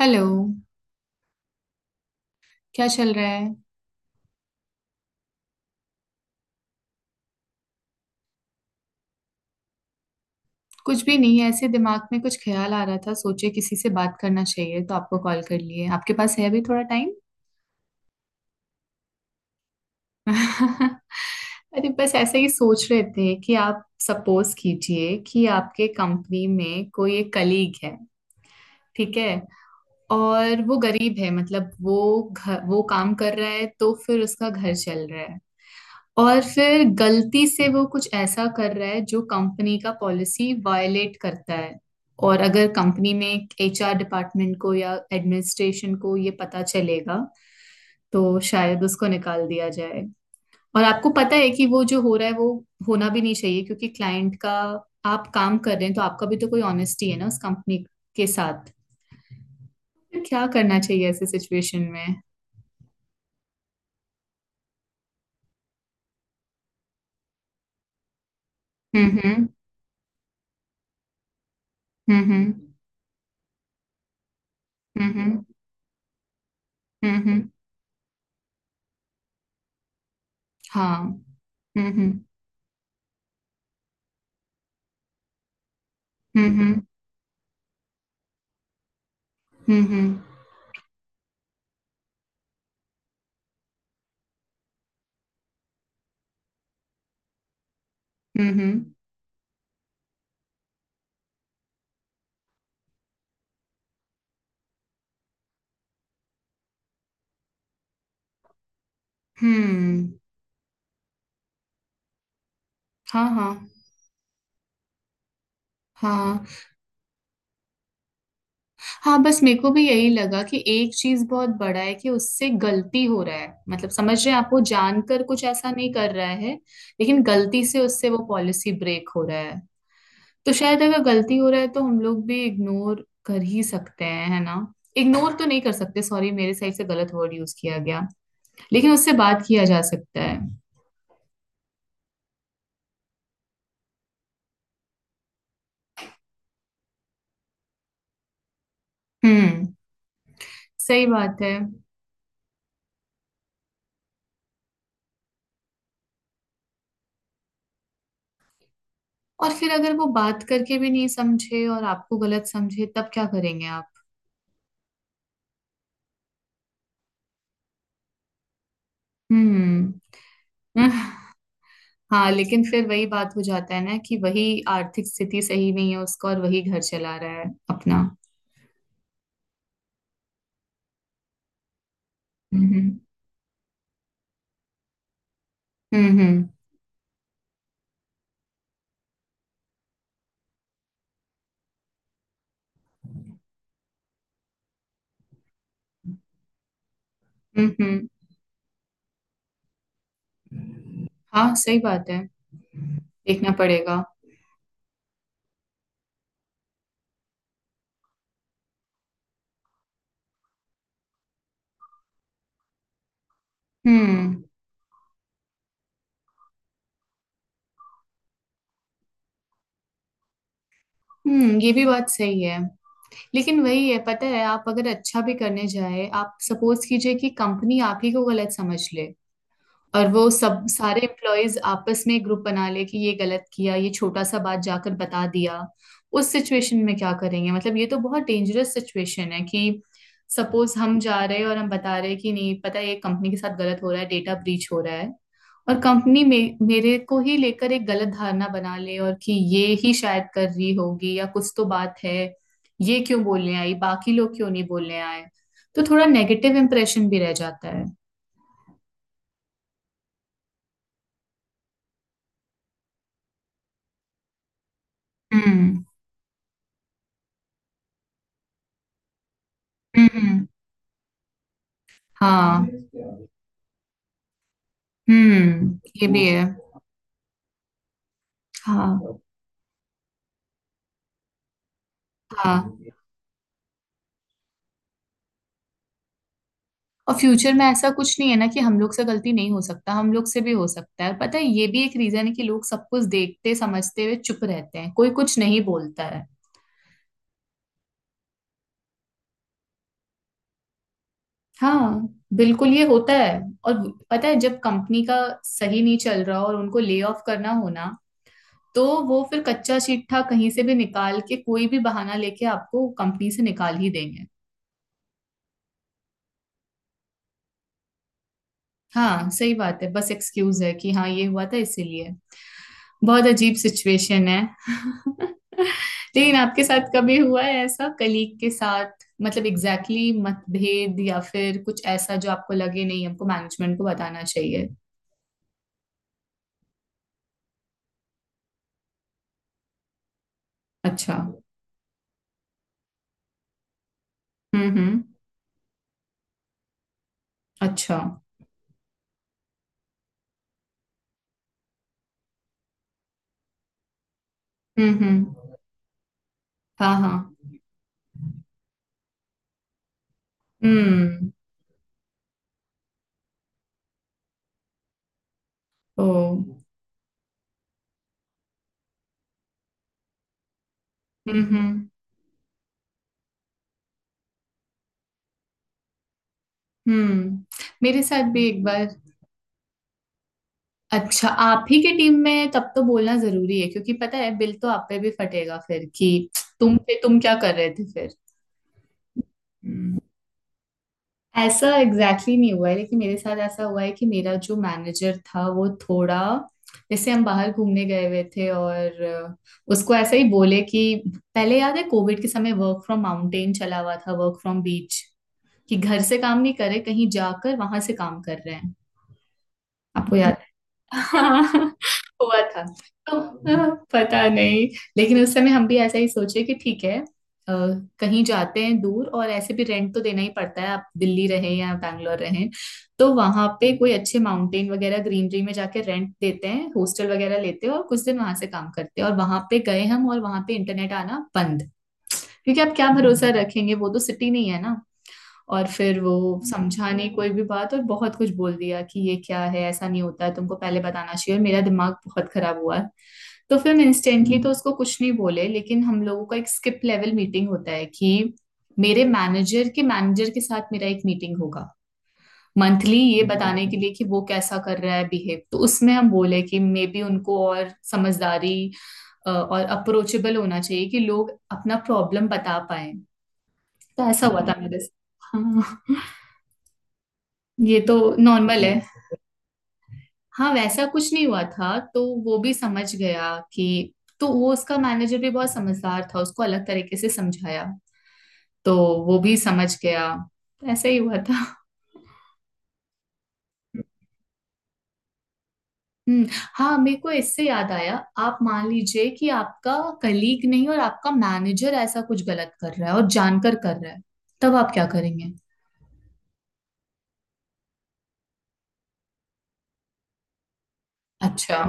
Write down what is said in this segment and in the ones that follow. Hello. क्या चल रहा है? कुछ भी नहीं है, ऐसे दिमाग में कुछ ख्याल आ रहा था, सोचे किसी से बात करना चाहिए तो आपको कॉल कर लिए। आपके पास है अभी थोड़ा टाइम? अरे बस ऐसे ही सोच रहे थे कि आप सपोज कीजिए कि आपके कंपनी में कोई एक कलीग है। ठीक है। और वो गरीब है, मतलब वो घर वो काम कर रहा है तो फिर उसका घर चल रहा है। और फिर गलती से वो कुछ ऐसा कर रहा है जो कंपनी का पॉलिसी वायलेट करता है। और अगर कंपनी में एचआर डिपार्टमेंट को या एडमिनिस्ट्रेशन को ये पता चलेगा तो शायद उसको निकाल दिया जाए। और आपको पता है कि वो जो हो रहा है वो होना भी नहीं चाहिए, क्योंकि क्लाइंट का आप काम कर रहे हैं तो आपका भी तो कोई ऑनेस्टी है ना उस कंपनी के साथ। फिर क्या करना चाहिए ऐसे सिचुएशन में? हम्म। हम्म। हम्म। हम्म। हम्म। हम्म। हम्म। हाँ। हम्म। हम्म। हम्म। हम्म। हम्म। हम्म। हम्म। हाँ। हाँ। हाँ। हाँ, बस मेरे को भी यही लगा कि एक चीज बहुत बड़ा है कि उससे गलती हो रहा है, मतलब समझ रहे हैं आप, वो जानकर कुछ ऐसा नहीं कर रहा है। लेकिन गलती से उससे वो पॉलिसी ब्रेक हो रहा है। तो शायद अगर गलती हो रहा है तो हम लोग भी इग्नोर कर ही सकते हैं, है ना। इग्नोर तो नहीं कर सकते, सॉरी मेरे साइड से गलत वर्ड यूज किया गया। लेकिन उससे बात किया जा सकता है। हम्म। सही बात है। और फिर अगर वो बात करके भी नहीं समझे और आपको गलत समझे तब क्या करेंगे आप? हम्म। हाँ लेकिन फिर वही बात हो जाता है ना, कि वही आर्थिक स्थिति सही नहीं है उसका और वही घर चला रहा है अपना। हम्म। हम्म। हम्म। हम्म। हाँ सही बात है। देखना पड़ेगा। हम्म। हम्म। ये भी बात सही है। लेकिन वही है पता है, आप अगर अच्छा भी करने जाए, आप सपोज कीजिए कि कंपनी आप ही को गलत समझ ले। और वो सब सारे एम्प्लॉयज आपस में ग्रुप बना ले कि ये गलत किया, ये छोटा सा बात जाकर बता दिया। उस सिचुएशन में क्या करेंगे? मतलब ये तो बहुत डेंजरस सिचुएशन है कि सपोज हम जा रहे हैं और हम बता रहे हैं कि नहीं, पता है ये कंपनी के साथ गलत हो रहा है, डेटा ब्रीच हो रहा है। और कंपनी में मेरे को ही लेकर एक गलत धारणा बना ले, और कि ये ही शायद कर रही होगी या कुछ तो बात है। ये क्यों बोलने आई, बाकी लोग क्यों नहीं बोलने आए? तो थोड़ा नेगेटिव इम्प्रेशन भी रह जाता है। हम्म। हम्म। हाँ। हम्म। ये भी है। हाँ। हाँ। और फ्यूचर में ऐसा कुछ नहीं है ना कि हम लोग से गलती नहीं हो सकता, हम लोग से भी हो सकता है। पता है ये भी एक रीजन है कि लोग सब कुछ देखते समझते हुए चुप रहते हैं, कोई कुछ नहीं बोलता है। हाँ। बिल्कुल ये होता है। और पता है जब कंपनी का सही नहीं चल रहा और उनको ले ऑफ करना होना, तो वो फिर कच्चा चिट्ठा कहीं से भी निकाल के कोई भी बहाना लेके आपको कंपनी से निकाल ही देंगे। हाँ सही बात है, बस एक्सक्यूज है कि हाँ ये हुआ था इसीलिए। बहुत अजीब सिचुएशन है। लेकिन आपके साथ कभी हुआ है ऐसा कलीग के साथ, मतलब एग्जैक्टली exactly मतभेद या फिर कुछ ऐसा जो आपको लगे नहीं हमको मैनेजमेंट को बताना चाहिए? अच्छा। हम्म। हम्म। अच्छा। हम्म। हम्म। हाँ। हाँ। हम्म। ओ। हम्म। हम्म। हम्म। मेरे साथ भी एक बार। अच्छा आप ही की टीम में है, तब तो बोलना जरूरी है क्योंकि पता है बिल तो आप पे भी फटेगा फिर कि तुम पे तुम क्या कर रहे थे फिर। ऐसा एग्जैक्टली exactly नहीं हुआ है लेकिन मेरे साथ ऐसा हुआ है कि मेरा जो मैनेजर था वो थोड़ा, जैसे हम बाहर घूमने गए हुए थे और उसको ऐसा ही बोले कि पहले याद है कोविड के समय वर्क फ्रॉम माउंटेन चला हुआ था, वर्क फ्रॉम बीच, कि घर से काम नहीं करे कहीं जाकर वहां से काम कर रहे हैं। आपको याद? हाँ हुआ था। तो पता नहीं। लेकिन उस समय हम भी ऐसा ही सोचे कि ठीक है, कहीं जाते हैं दूर और ऐसे भी रेंट तो देना ही पड़ता है, आप दिल्ली रहें या बैंगलोर रहें। तो वहां पे कोई अच्छे माउंटेन वगैरह ग्रीनरी में जाके रेंट देते हैं, हॉस्टल वगैरह लेते हैं और कुछ दिन वहां से काम करते हैं। और वहां पे गए हम और वहां पे इंटरनेट आना बंद। क्योंकि आप क्या भरोसा रखेंगे, वो तो सिटी नहीं है ना। और फिर वो समझा नहीं कोई भी बात और बहुत कुछ बोल दिया कि ये क्या है, ऐसा नहीं होता है, तुमको पहले बताना चाहिए। और मेरा दिमाग बहुत खराब हुआ है। तो फिर हम इंस्टेंटली तो उसको कुछ नहीं बोले, लेकिन हम लोगों का एक स्किप लेवल मीटिंग होता है कि मेरे मैनेजर के साथ मेरा एक मीटिंग होगा मंथली, ये बताने के लिए कि वो कैसा कर रहा है बिहेव। तो उसमें हम बोले कि मे बी उनको और समझदारी और अप्रोचेबल होना चाहिए कि लोग अपना प्रॉब्लम बता पाए। तो ऐसा हुआ था मेरे साथ। हाँ ये तो नॉर्मल है। हाँ वैसा कुछ नहीं हुआ था तो वो भी समझ गया कि। तो वो उसका मैनेजर भी बहुत समझदार था, उसको अलग तरीके से समझाया। तो वो भी समझ गया। ऐसा ही हुआ था। हम्म। हाँ मेरे को इससे याद आया, आप मान लीजिए कि आपका कलीग नहीं और आपका मैनेजर ऐसा कुछ गलत कर रहा है और जानकर कर रहा है, तब आप क्या करेंगे? अच्छा।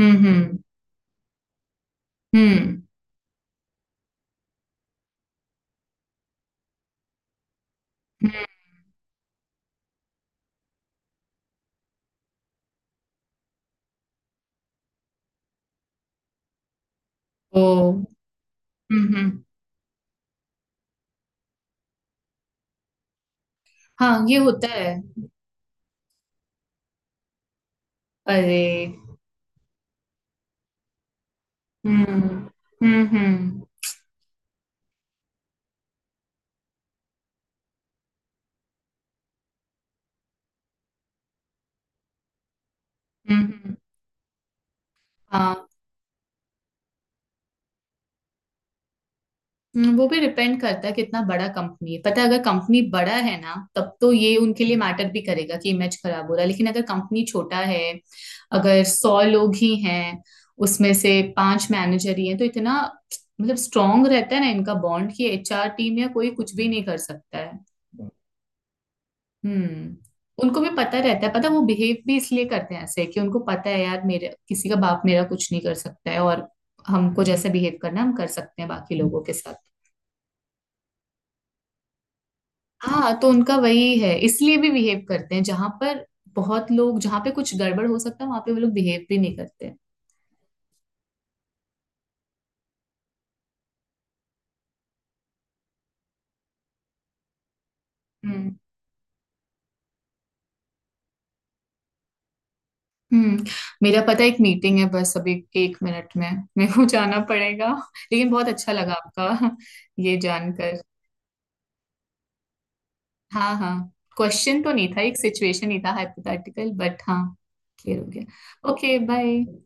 हम्म। हम्म। हम्म। हम्म। ओ। हम्म। हम्म। हाँ ये होता है। अरे। हम्म। हम्म। हम्म। हम्म। हम्म। हाँ। हम्म। वो भी डिपेंड करता है कितना बड़ा कंपनी है, पता है अगर कंपनी बड़ा है ना तब तो ये उनके लिए मैटर भी करेगा कि इमेज खराब हो रहा है, लेकिन अगर कंपनी छोटा है, अगर 100 लोग ही हैं, उसमें से पांच मैनेजर ही हैं तो इतना, मतलब स्ट्रांग रहता है ना इनका बॉन्ड कि एचआर टीम या कोई कुछ भी नहीं कर सकता है। हम्म। उनको भी पता रहता है पता है, वो बिहेव भी इसलिए करते हैं ऐसे कि उनको पता है यार, मेरे किसी का बाप मेरा कुछ नहीं कर सकता है, और हमको जैसे बिहेव करना है, हम कर सकते हैं बाकी लोगों के साथ। हाँ तो उनका वही है, इसलिए भी बिहेव करते हैं जहां पर बहुत लोग, जहां पे कुछ गड़बड़ हो सकता है वहां पे वो लोग बिहेव भी नहीं करते। हम्म। हम्म। मेरा पता है एक मीटिंग है बस अभी एक मिनट में, मेरे को जाना पड़ेगा। लेकिन बहुत अच्छा लगा आपका ये जानकर। हाँ हाँ। क्वेश्चन तो नहीं था, एक सिचुएशन ही था हाइपोथेटिकल, बट हाँ क्लियर हो गया। Okay bye.